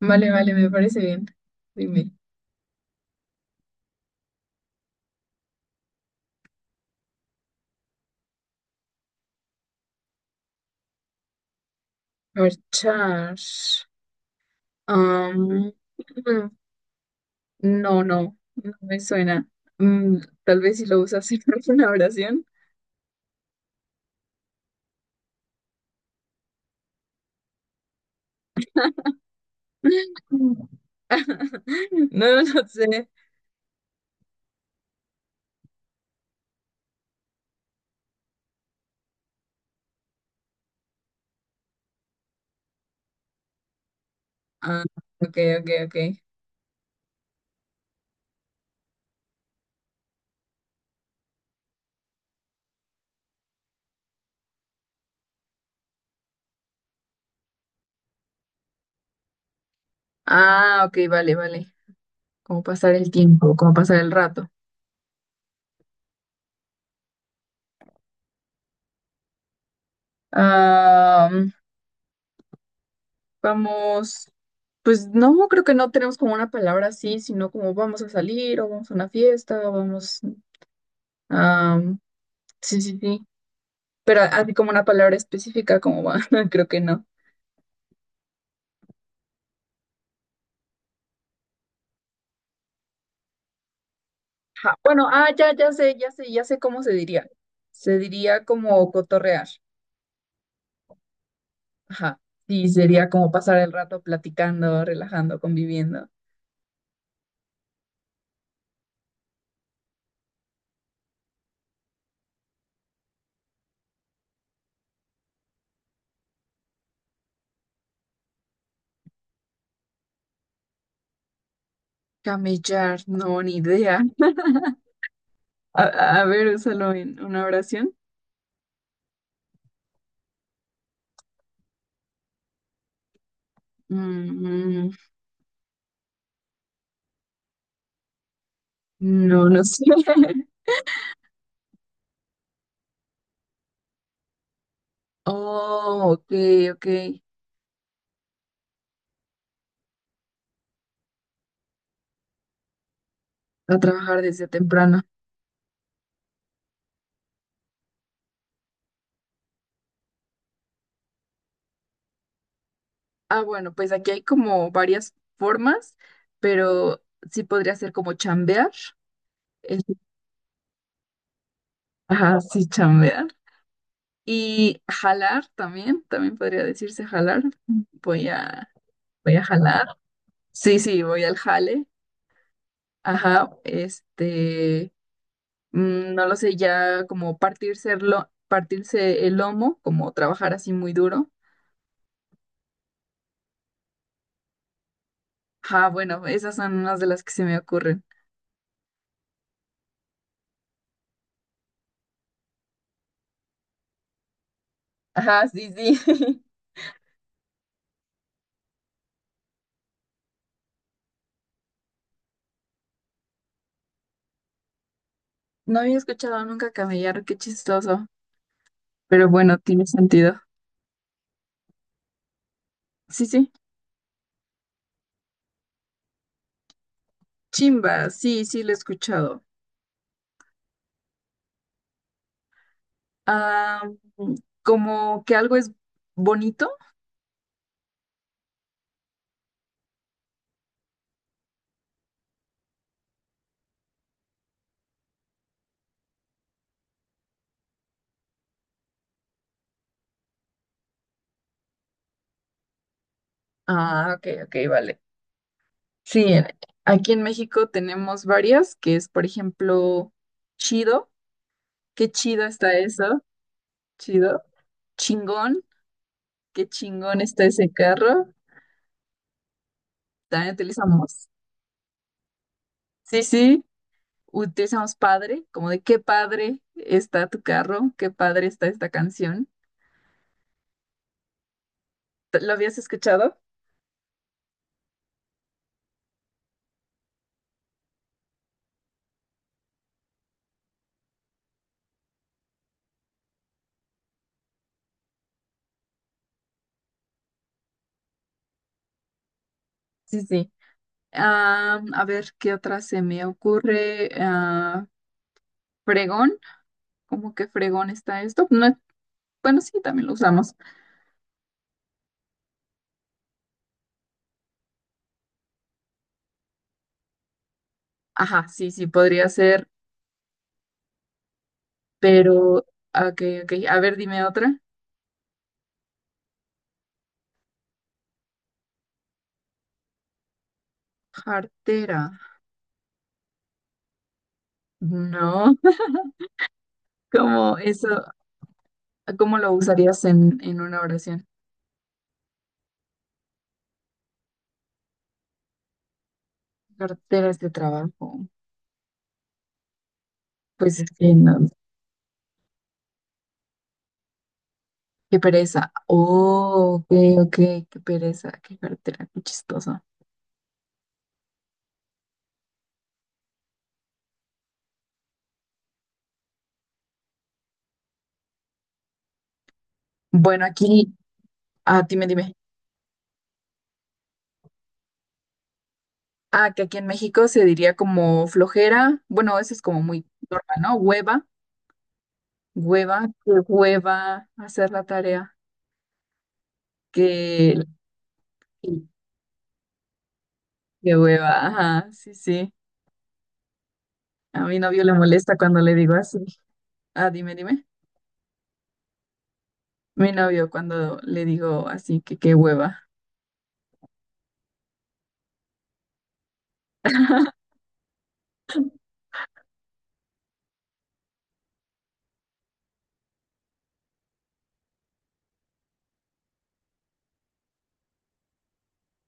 Vale, vale, me parece bien. Dime. Marchar. Am, mm, no me suena. Mm, tal vez si lo usas en una oración. Mm. No, no sé. Ah, ok, ok, ok. Ah, ok, vale, vale. Cómo pasar el tiempo, cómo pasar el rato. Am, vamos. Pues no, creo que no tenemos como una palabra así, sino como vamos a salir o vamos a una fiesta o vamos, sí, sí, sí. Pero así como una palabra específica, como va, creo que no. Ajá. Bueno, ah, ya sé cómo se diría. Se diría como cotorrear. Ajá. Sí, sería como pasar el rato platicando, relajando, conviviendo. Camellar, no, ni idea. A, a ver, úsalo en una oración. Mm, no, no sé. Oh, ok, ok. A trabajar desde temprano. Ah, bueno, pues aquí hay como varias formas, pero sí podría ser como chambear. el- Ajá, sí, chambear. Y jalar también, también podría decirse jalar. Voy a, voy a jalar. Sí, sí, voy al jale. Ajá, no lo sé, ya como partirse el lomo, como trabajar así muy duro. Ajá, bueno, esas son unas de las que se me ocurren. Ajá, sí, sí. No había escuchado nunca camellar, qué chistoso. Pero bueno, tiene sentido. Sí, sí. Chimba, sí, sí, lo he escuchado. Ah, mm, como que algo es bonito. Ah, ok, ok, vale. Sí, en- aquí en México tenemos varias, que es, por ejemplo, chido. Qué chido está eso. Chido. Chingón. Qué chingón está ese carro. También utilizamos. Sí, sí. Utilizamos padre, como de qué padre está tu carro, qué padre está esta canción. ¿Lo habías escuchado? Sí, sí. A ver qué otra se me ocurre. Ah, fregón, ¿cómo que fregón está esto? No es- bueno, sí, también lo usamos. Ajá, sí, sí, podría ser, pero, ok, ok. A ver, dime otra. Cartera. No, ¿cómo eso, cómo lo usarías en una oración? Carteras de trabajo. Pues es que no, qué pereza. Oh, ok, ok, qué pereza, qué cartera, qué chistoso. Bueno, aquí, ah, dime, dime. Ah, que aquí en México se diría como flojera. Bueno, eso es como muy normal, ¿no? Hueva, hueva, que hueva hacer la tarea. Que, que hueva, ajá, sí, sí. A mi novio le molesta cuando le digo así. Ah, dime, dime. Mi novio cuando le digo así, que qué hueva.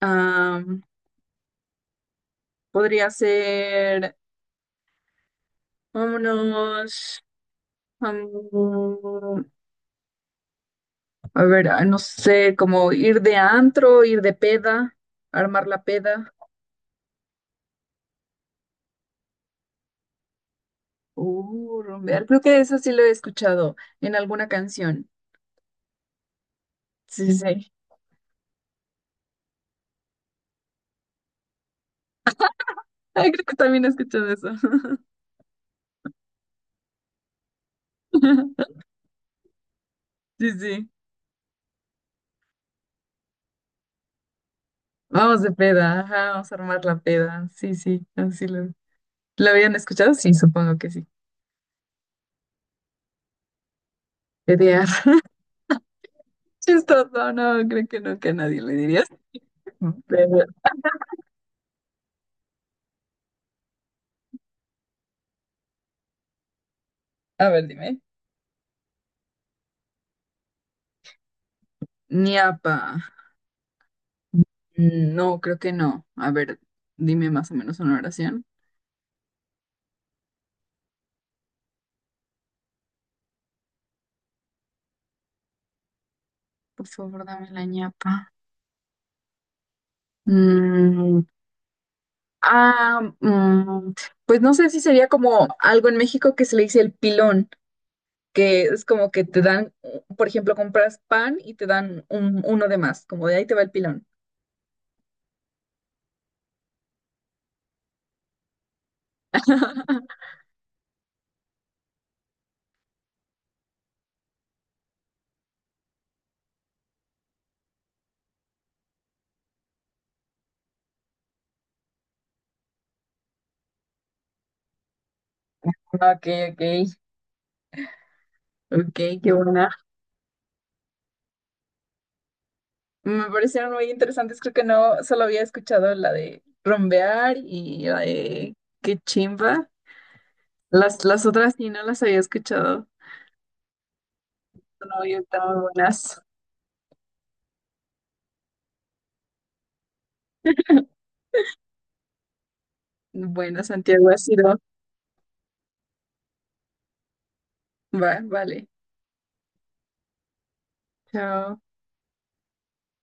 Ah, podría ser, vámonos. mm, a ver, ah, no sé, como ir de antro, ir de peda, armar la peda. Rumbear. Creo que eso sí lo he escuchado en alguna canción. Sí, sí. Ay, creo que también he escuchado eso. Sí, sí. Vamos de peda, ajá, vamos a armar la peda. Sí, sí, ¿lo habían escuchado? Sí, supongo que sí. Pedear. Chistoso, no, creo que nunca a nadie le diría pedear. A ver, dime. Ñapa. No, creo que no. A ver, dime más o menos una oración. Por favor, dame la ñapa. Mm, ah, mm, pues no sé si sería como algo en México que se le dice el pilón, que es como que te dan, por ejemplo, compras pan y te dan uno de más, como de ahí te va el pilón. Ok, ok, ok, qué buena. Me parecieron muy interesantes, creo que no solo había escuchado la de rompear y la de qué chimba. Las otras sí no las había escuchado. No, y están muy buenas. Buenas, Santiago, ha sido. Va, vale. Chao.